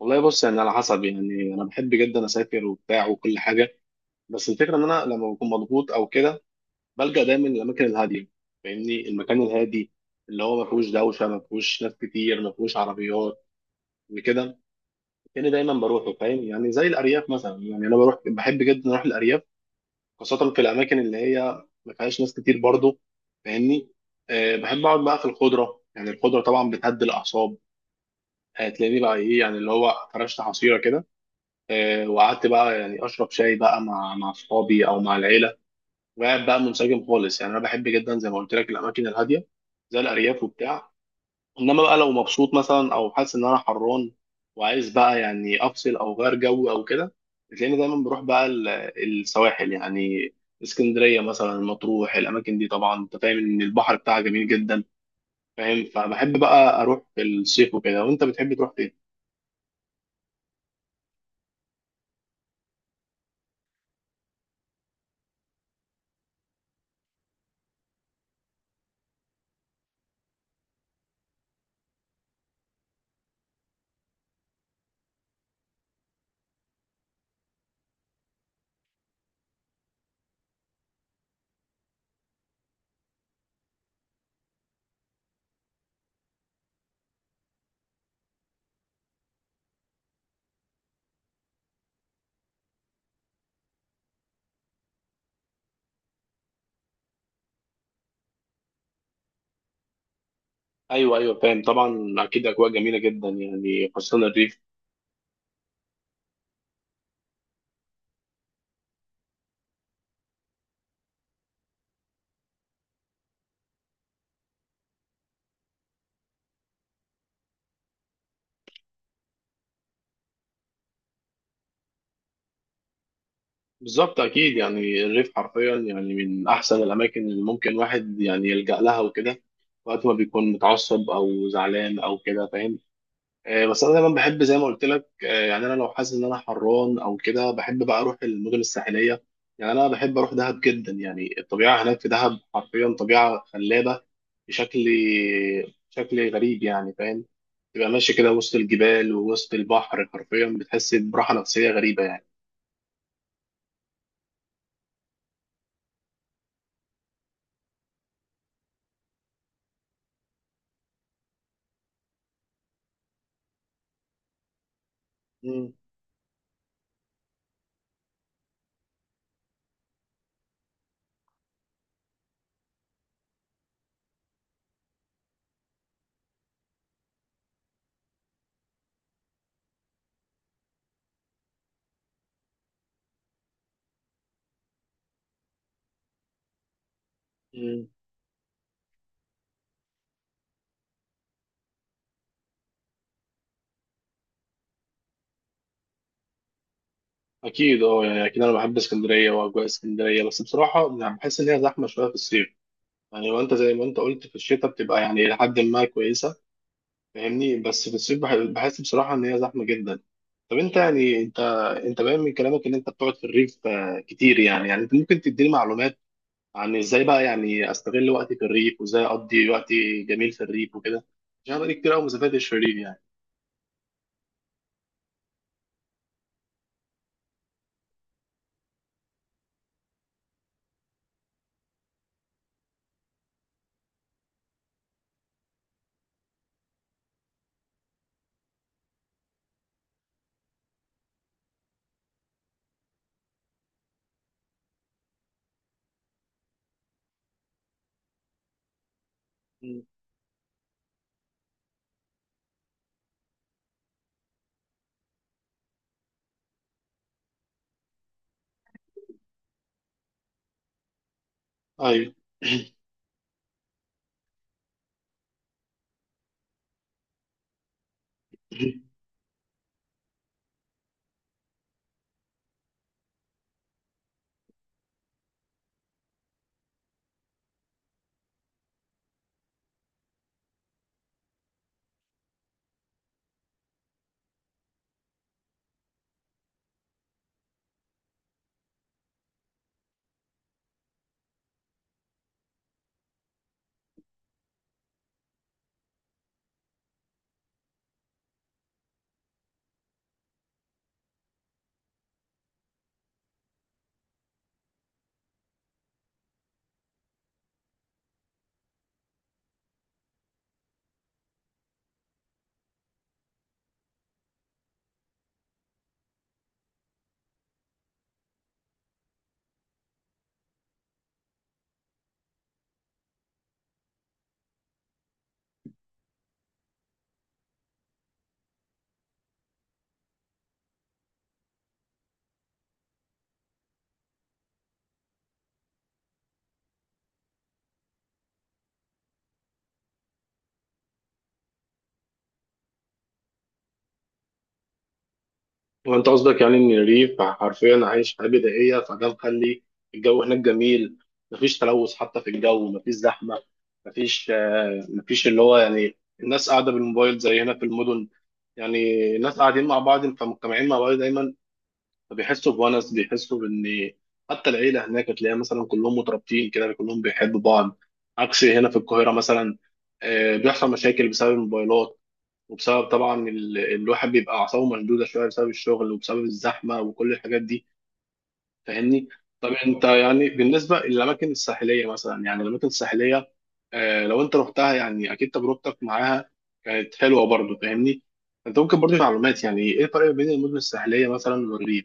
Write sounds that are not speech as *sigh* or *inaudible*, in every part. والله بص، يعني على حسب. يعني انا بحب جدا اسافر وبتاع وكل حاجه، بس الفكره ان انا لما بكون مضغوط او كده بلجأ دايما للاماكن الهاديه. فاهمني؟ المكان الهادي اللي هو ما فيهوش دوشه، ما فيهوش ناس كتير، ما فيهوش عربيات وكده. يعني دايما بروحه، فاهم؟ يعني زي الارياف مثلا. يعني انا بروح، بحب جدا اروح الارياف، خاصه في الاماكن اللي هي ما فيهاش ناس كتير برضه. فاهمني؟ أه، بحب اقعد بقى في الخضره. يعني الخضره طبعا بتهدي الاعصاب. هتلاقيني بقى ايه؟ يعني اللي هو فرشت حصيره كده، وقعدت بقى يعني اشرب شاي بقى مع اصحابي او مع العيله، وقاعد بقى منسجم خالص. يعني انا بحب جدا زي ما قلت لك الاماكن الهاديه زي الارياف وبتاع. انما بقى لو مبسوط مثلا، او حاسس ان انا حران وعايز بقى يعني افصل او غير جو او كده، بتلاقيني دايما بروح بقى السواحل، يعني اسكندريه مثلا، مطروح. الاماكن دي طبعا انت فاهم ان البحر بتاعها جميل جدا، فاهم؟ فبحب بقى اروح في الصيف وكده. وانت بتحب تروح فين؟ ايوه ايوه، فاهم طبعا. اكيد اجواء جميله جدا يعني، خاصه الريف. بالظبط. اكيد يعني الريف حرفيا يعني من احسن الاماكن اللي ممكن واحد يعني يلجأ لها وكده، وقت ما بيكون متعصب او زعلان او كده، فاهم؟ آه، بس انا دايما بحب زي ما قلت لك، يعني انا لو حاسس ان انا حران او كده بحب بقى اروح المدن الساحليه. يعني انا بحب اروح دهب جدا. يعني الطبيعه هناك في دهب حرفيا طبيعه خلابه بشكل شكل غريب، يعني فاهم؟ تبقى ماشي كده وسط الجبال ووسط البحر، حرفيا بتحس براحه نفسيه غريبه يعني. مم. اكيد. اه، يعني اكيد انا بحب اسكندريه واجواء اسكندريه، بس بصراحه يعني بحس ان هي زحمه شويه في الصيف، يعني وانت زي ما انت قلت في الشتاء بتبقى يعني الى حد ما كويسه. فاهمني؟ بس في الصيف بحس بصراحه ان هي زحمه جدا. طب انت يعني انت باين من كلامك ان انت بتقعد في الريف كتير يعني. يعني انت ممكن تديني معلومات عن ازاي بقى يعني استغل وقتي في الريف، وازاي اقضي وقتي جميل في الريف وكده؟ عشان أنا بقالي كتير قوي ما سافرتش في الريف يعني. م. ايوه. *coughs* وانت قصدك يعني ان الريف حرفيا عايش حياه بدائيه، فده مخلي الجو هناك جميل، مفيش تلوث حتى في الجو، مفيش زحمه، مفيش مفيش اللي هو يعني الناس قاعده بالموبايل زي هنا في المدن. يعني الناس قاعدين مع بعض، فمجتمعين مع بعض دايما، فبيحسوا بونس، بيحسوا بان حتى العيله هناك تلاقيها مثلا كلهم مترابطين كده، كلهم بيحبوا بعض، عكس هنا في القاهره مثلا. آه، بيحصل مشاكل بسبب الموبايلات، وبسبب طبعا الواحد بيبقى اعصابه مشدوده شويه بسبب الشغل وبسبب الزحمه وكل الحاجات دي، فاهمني؟ طب انت يعني بالنسبه للاماكن الساحليه مثلا، يعني الاماكن الساحليه آه لو انت رحتها يعني اكيد تجربتك معاها كانت حلوه برضو، فاهمني؟ انت ممكن برضو معلومات يعني ايه الفرق بين المدن الساحليه مثلا والريف؟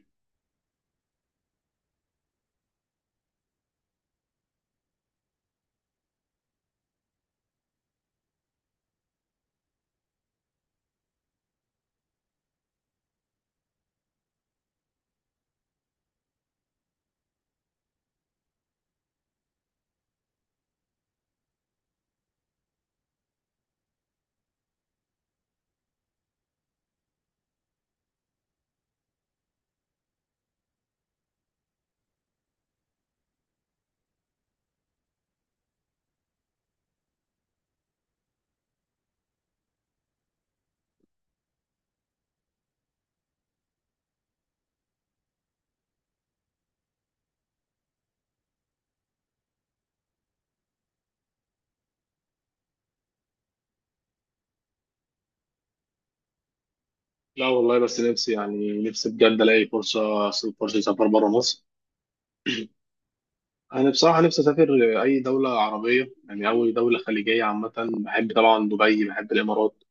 لا والله، بس نفسي يعني نفسي بجد الاقي فرصه اسافر بره مصر. انا بصراحه نفسي اسافر اي دوله عربيه، يعني اي دوله خليجيه عامه. بحب طبعا دبي، بحب الامارات،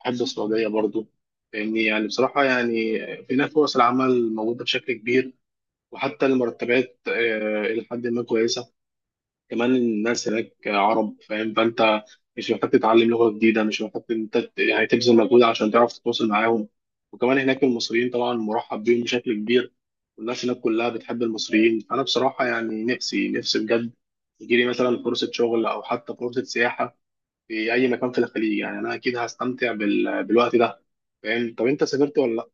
بحب السعودية برضو. لأني يعني بصراحة يعني هناك فرص العمل موجودة بشكل كبير، وحتى المرتبات إلى حد ما كويسة. كمان الناس هناك عرب، فاهم؟ فأنت مش محتاج تتعلم لغة جديدة، مش محتاج إن أنت يعني تبذل مجهود عشان تعرف تتواصل معاهم. وكمان هناك المصريين طبعا مرحب بيهم بشكل كبير، والناس هناك كلها بتحب المصريين. أنا بصراحة يعني نفسي بجد يجيلي مثلا فرصة شغل أو حتى فرصة سياحة في أي مكان في الخليج. يعني أنا أكيد هستمتع بالوقت ده، فاهم؟ طب انت سافرت ولا لا؟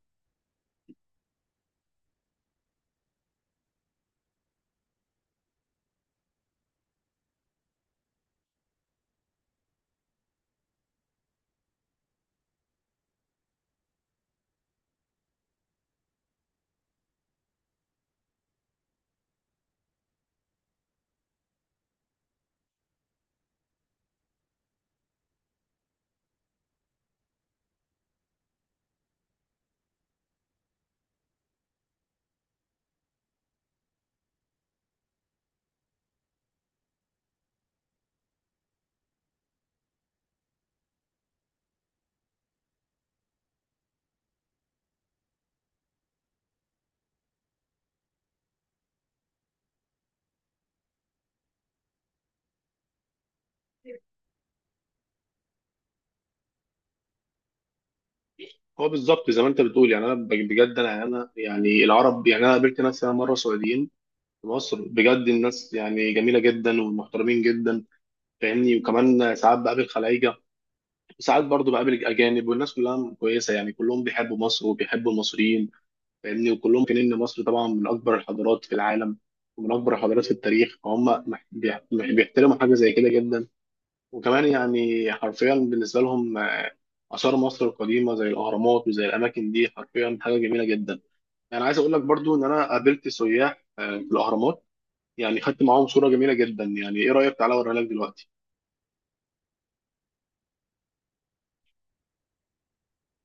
هو بالظبط زي ما انت بتقول. يعني انا بجد انا يعني العرب، يعني انا قابلت ناس انا مره سعوديين في مصر، بجد الناس يعني جميله جدا ومحترمين جدا، فاهمني؟ وكمان ساعات بقابل خلايجه، وساعات برضو بقابل اجانب، والناس كلها كويسه يعني. كلهم بيحبوا مصر وبيحبوا المصريين، فاهمني؟ وكلهم كان ان مصر طبعا من اكبر الحضارات في العالم، ومن اكبر الحضارات في التاريخ، فهم بيحترموا حاجه زي كده جدا. وكمان يعني حرفيا بالنسبة لهم، آثار مصر القديمة زي الأهرامات وزي الأماكن دي حرفيا حاجة جميلة جدا. يعني عايز أقول لك برضو إن أنا قابلت سياح في الأهرامات، يعني خدت معاهم صورة جميلة جدا. يعني إيه رأيك؟ تعالى أوريها لك دلوقتي.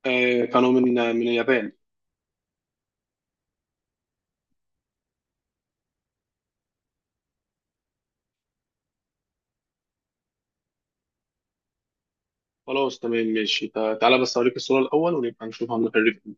آه، كانوا من من اليابان. خلاص تمام ماشي. تعالى بس أوريك الصورة الأول ونبقى نشوفها من الخريطة.